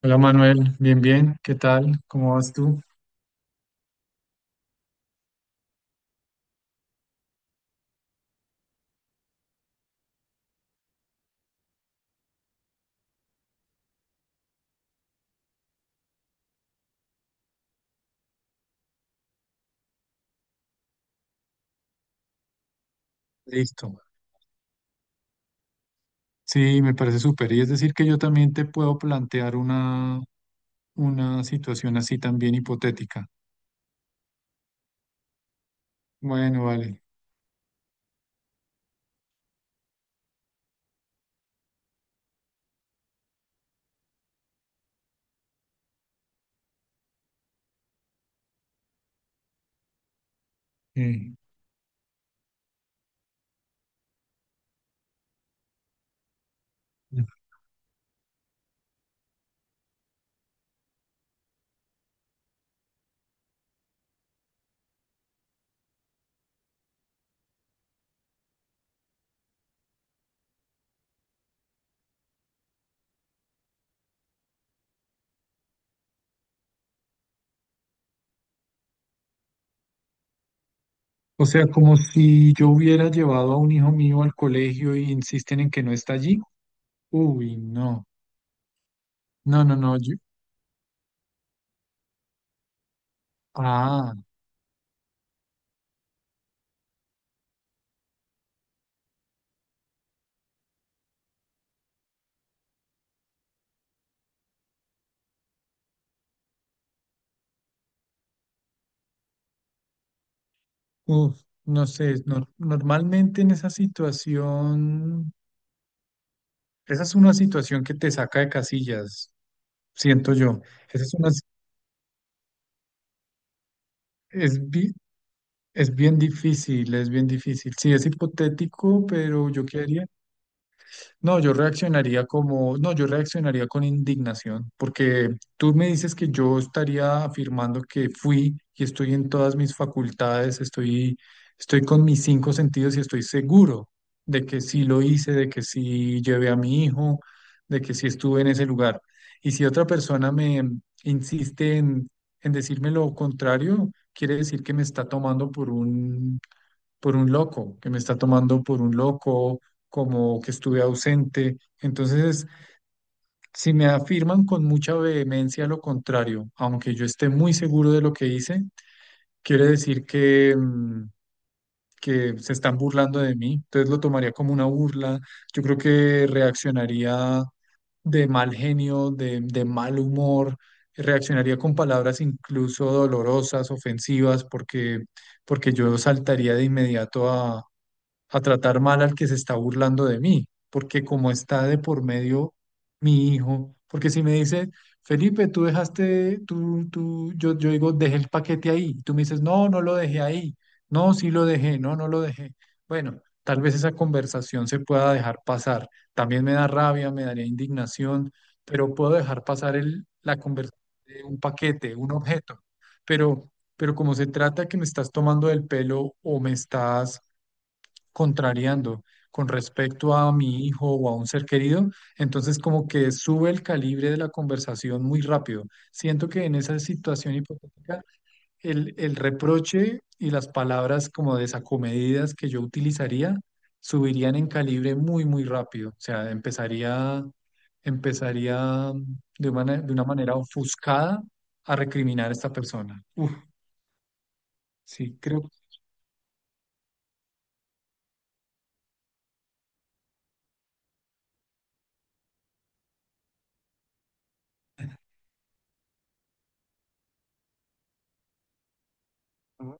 Hola Manuel, bien, bien, ¿qué tal? ¿Cómo vas tú? Listo. Sí, me parece súper. Y es decir que yo también te puedo plantear una situación así también hipotética. Bueno, vale. Eh, O sea, como si yo hubiera llevado a un hijo mío al colegio y insisten en que no está allí. Uy, no. No, no, no. Ah, uf, no sé. Normalmente en esa situación, esa es una situación que te saca de casillas, siento yo. Esa es una Es, bi- Es bien difícil, es bien difícil. Sí, es hipotético, pero yo quedaría no, yo reaccionaría como, no, yo reaccionaría con indignación, porque tú me dices que yo estaría afirmando que fui y estoy en todas mis facultades, estoy con mis cinco sentidos y estoy seguro de que sí lo hice, de que sí llevé a mi hijo, de que sí estuve en ese lugar. Y si otra persona me insiste en decirme lo contrario, quiere decir que me está tomando por un loco, que me está tomando por un loco, como que estuve ausente. Entonces, si me afirman con mucha vehemencia lo contrario, aunque yo esté muy seguro de lo que hice, quiere decir que se están burlando de mí. Entonces lo tomaría como una burla. Yo creo que reaccionaría de mal genio, de mal humor. Reaccionaría con palabras incluso dolorosas, ofensivas, porque, porque yo saltaría de inmediato a tratar mal al que se está burlando de mí, porque como está de por medio mi hijo, porque si me dice, Felipe, tú dejaste, yo digo, dejé el paquete ahí, y tú me dices, no, no lo dejé ahí, no, sí lo dejé, no, no lo dejé. Bueno, tal vez esa conversación se pueda dejar pasar. También me da rabia, me daría indignación, pero puedo dejar pasar la conversación de un paquete, un objeto, pero... Pero como se trata que me estás tomando del pelo o me estás contrariando con respecto a mi hijo o a un ser querido, entonces como que sube el calibre de la conversación muy rápido. Siento que en esa situación hipotética, el reproche y las palabras como desacomedidas que yo utilizaría subirían en calibre muy, muy rápido. O sea, empezaría de una manera ofuscada a recriminar a esta persona. Uf, sí, creo. No,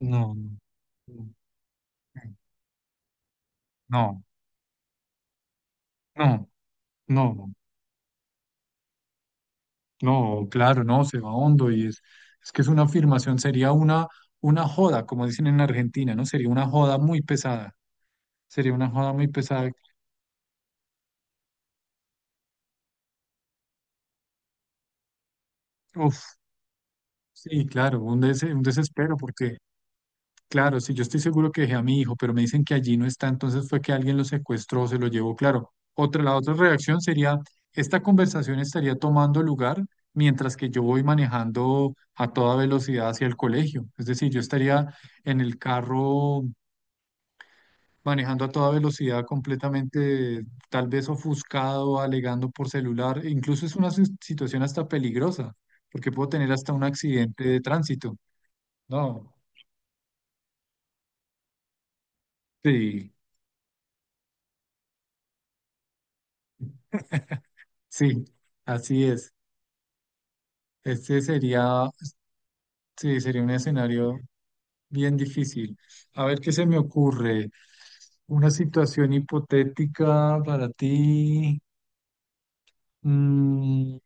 no, no, no. No. No, no, claro, no, se va hondo y es que es una afirmación, sería una joda, como dicen en Argentina, ¿no? Sería una joda muy pesada, sería una joda muy pesada. Uf, sí, claro, un desespero, porque claro, si yo estoy seguro que dejé a mi hijo, pero me dicen que allí no está, entonces fue que alguien lo secuestró, se lo llevó, claro. Otra, la otra reacción sería, esta conversación estaría tomando lugar mientras que yo voy manejando a toda velocidad hacia el colegio, es decir, yo estaría en el carro manejando a toda velocidad, completamente tal vez ofuscado, alegando por celular. E incluso es una situación hasta peligrosa, porque puedo tener hasta un accidente de tránsito. No, sí, sí, así es. Este sería, sí, sería un escenario bien difícil. A ver qué se me ocurre. Una situación hipotética para ti. Mm,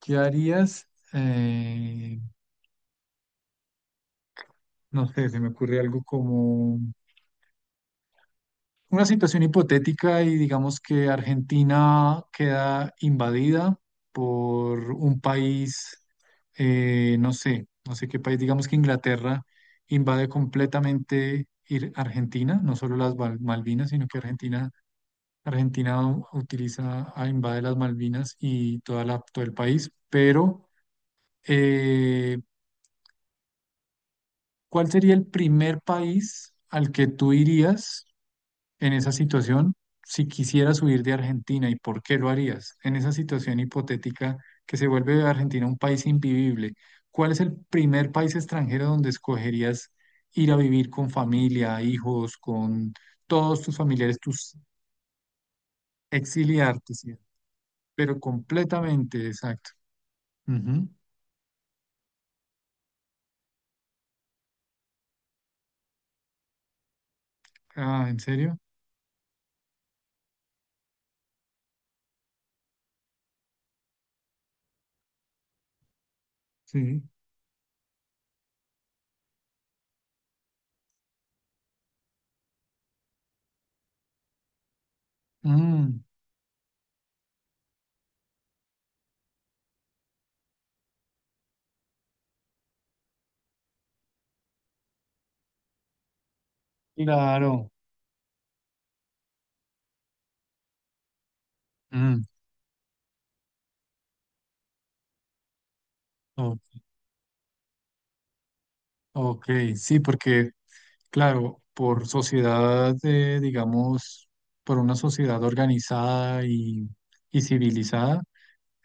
¿qué harías? No sé, se me ocurre algo como... una situación hipotética y digamos que Argentina queda invadida por un país, no sé, no sé qué país, digamos que Inglaterra invade completamente Argentina, no solo las Malvinas, sino que Argentina, Argentina utiliza, ah, invade las Malvinas y toda la, todo el país, pero eh, ¿cuál sería el primer país al que tú irías? En esa situación, si quisieras huir de Argentina, ¿y por qué lo harías? En esa situación hipotética que se vuelve Argentina un país invivible, ¿cuál es el primer país extranjero donde escogerías ir a vivir con familia, hijos, con todos tus familiares, tus exiliarte, sí, pero completamente, exacto. Ujú. Ah, ¿en serio? Sí. Mm, claro. Mm, o- ok, sí, porque claro, por sociedad, digamos, por una sociedad organizada y civilizada,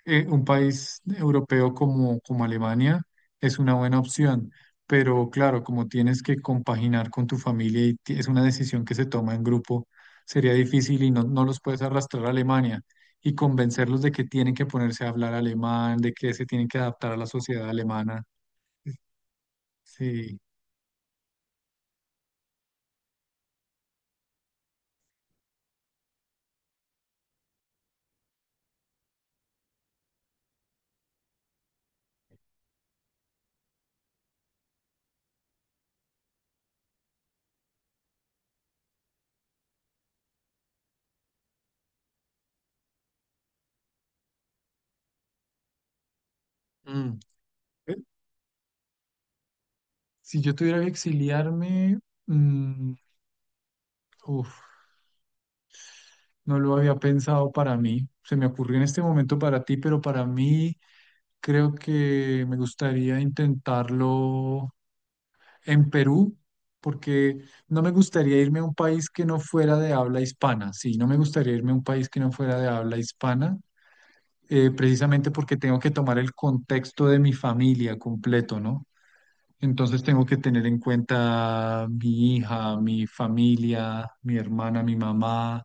un país europeo como, como Alemania es una buena opción, pero claro, como tienes que compaginar con tu familia y es una decisión que se toma en grupo, sería difícil y no, no los puedes arrastrar a Alemania y convencerlos de que tienen que ponerse a hablar alemán, de que se tienen que adaptar a la sociedad alemana. Sí. Mm. Si yo tuviera que exiliarme, mm, uf, no lo había pensado para mí. Se me ocurrió en este momento para ti, pero para mí creo que me gustaría intentarlo en Perú, porque no me gustaría irme a un país que no fuera de habla hispana. Sí, no me gustaría irme a un país que no fuera de habla hispana, precisamente porque tengo que tomar el contexto de mi familia completo, ¿no? Entonces tengo que tener en cuenta mi hija, mi familia, mi hermana, mi mamá.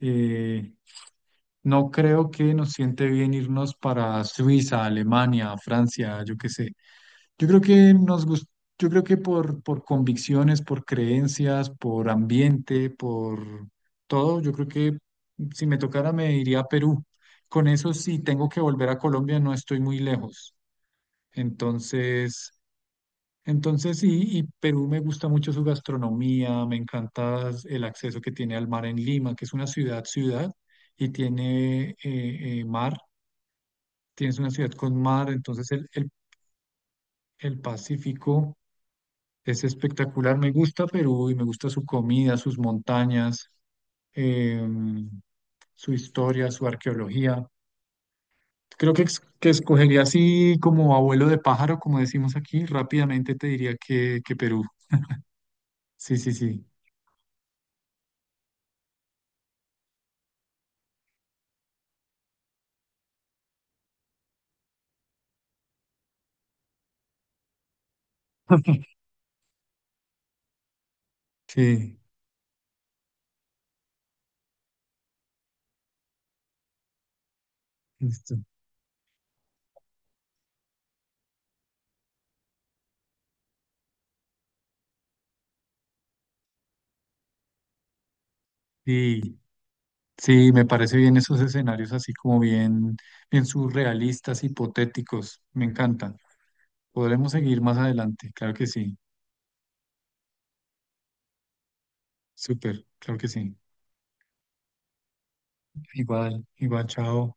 Eh, no creo que nos siente bien irnos para Suiza, Alemania, Francia, yo qué sé. Yo creo que nos gus- yo creo que por convicciones, por creencias, por ambiente, por todo, yo creo que si me tocara me iría a Perú. Con eso, si tengo que volver a Colombia, no estoy muy lejos. Entonces... Entonces sí, y Perú me gusta mucho su gastronomía, me encanta el acceso que tiene al mar en Lima, que es una ciudad, y tiene mar, tienes una ciudad con mar, entonces el Pacífico es espectacular, me gusta Perú y me gusta su comida, sus montañas, em, su historia, su arqueología. Creo que escogería así como abuelo de pájaro, como decimos aquí, rápidamente te diría que Perú. Sí, sí, sí, sí. Listo. Sí, sí, me parece bien esos escenarios así como bien, bien surrealistas, hipotéticos, me encantan. Podremos seguir más adelante, claro que sí, súper, claro que sí. Igual, igual, chao.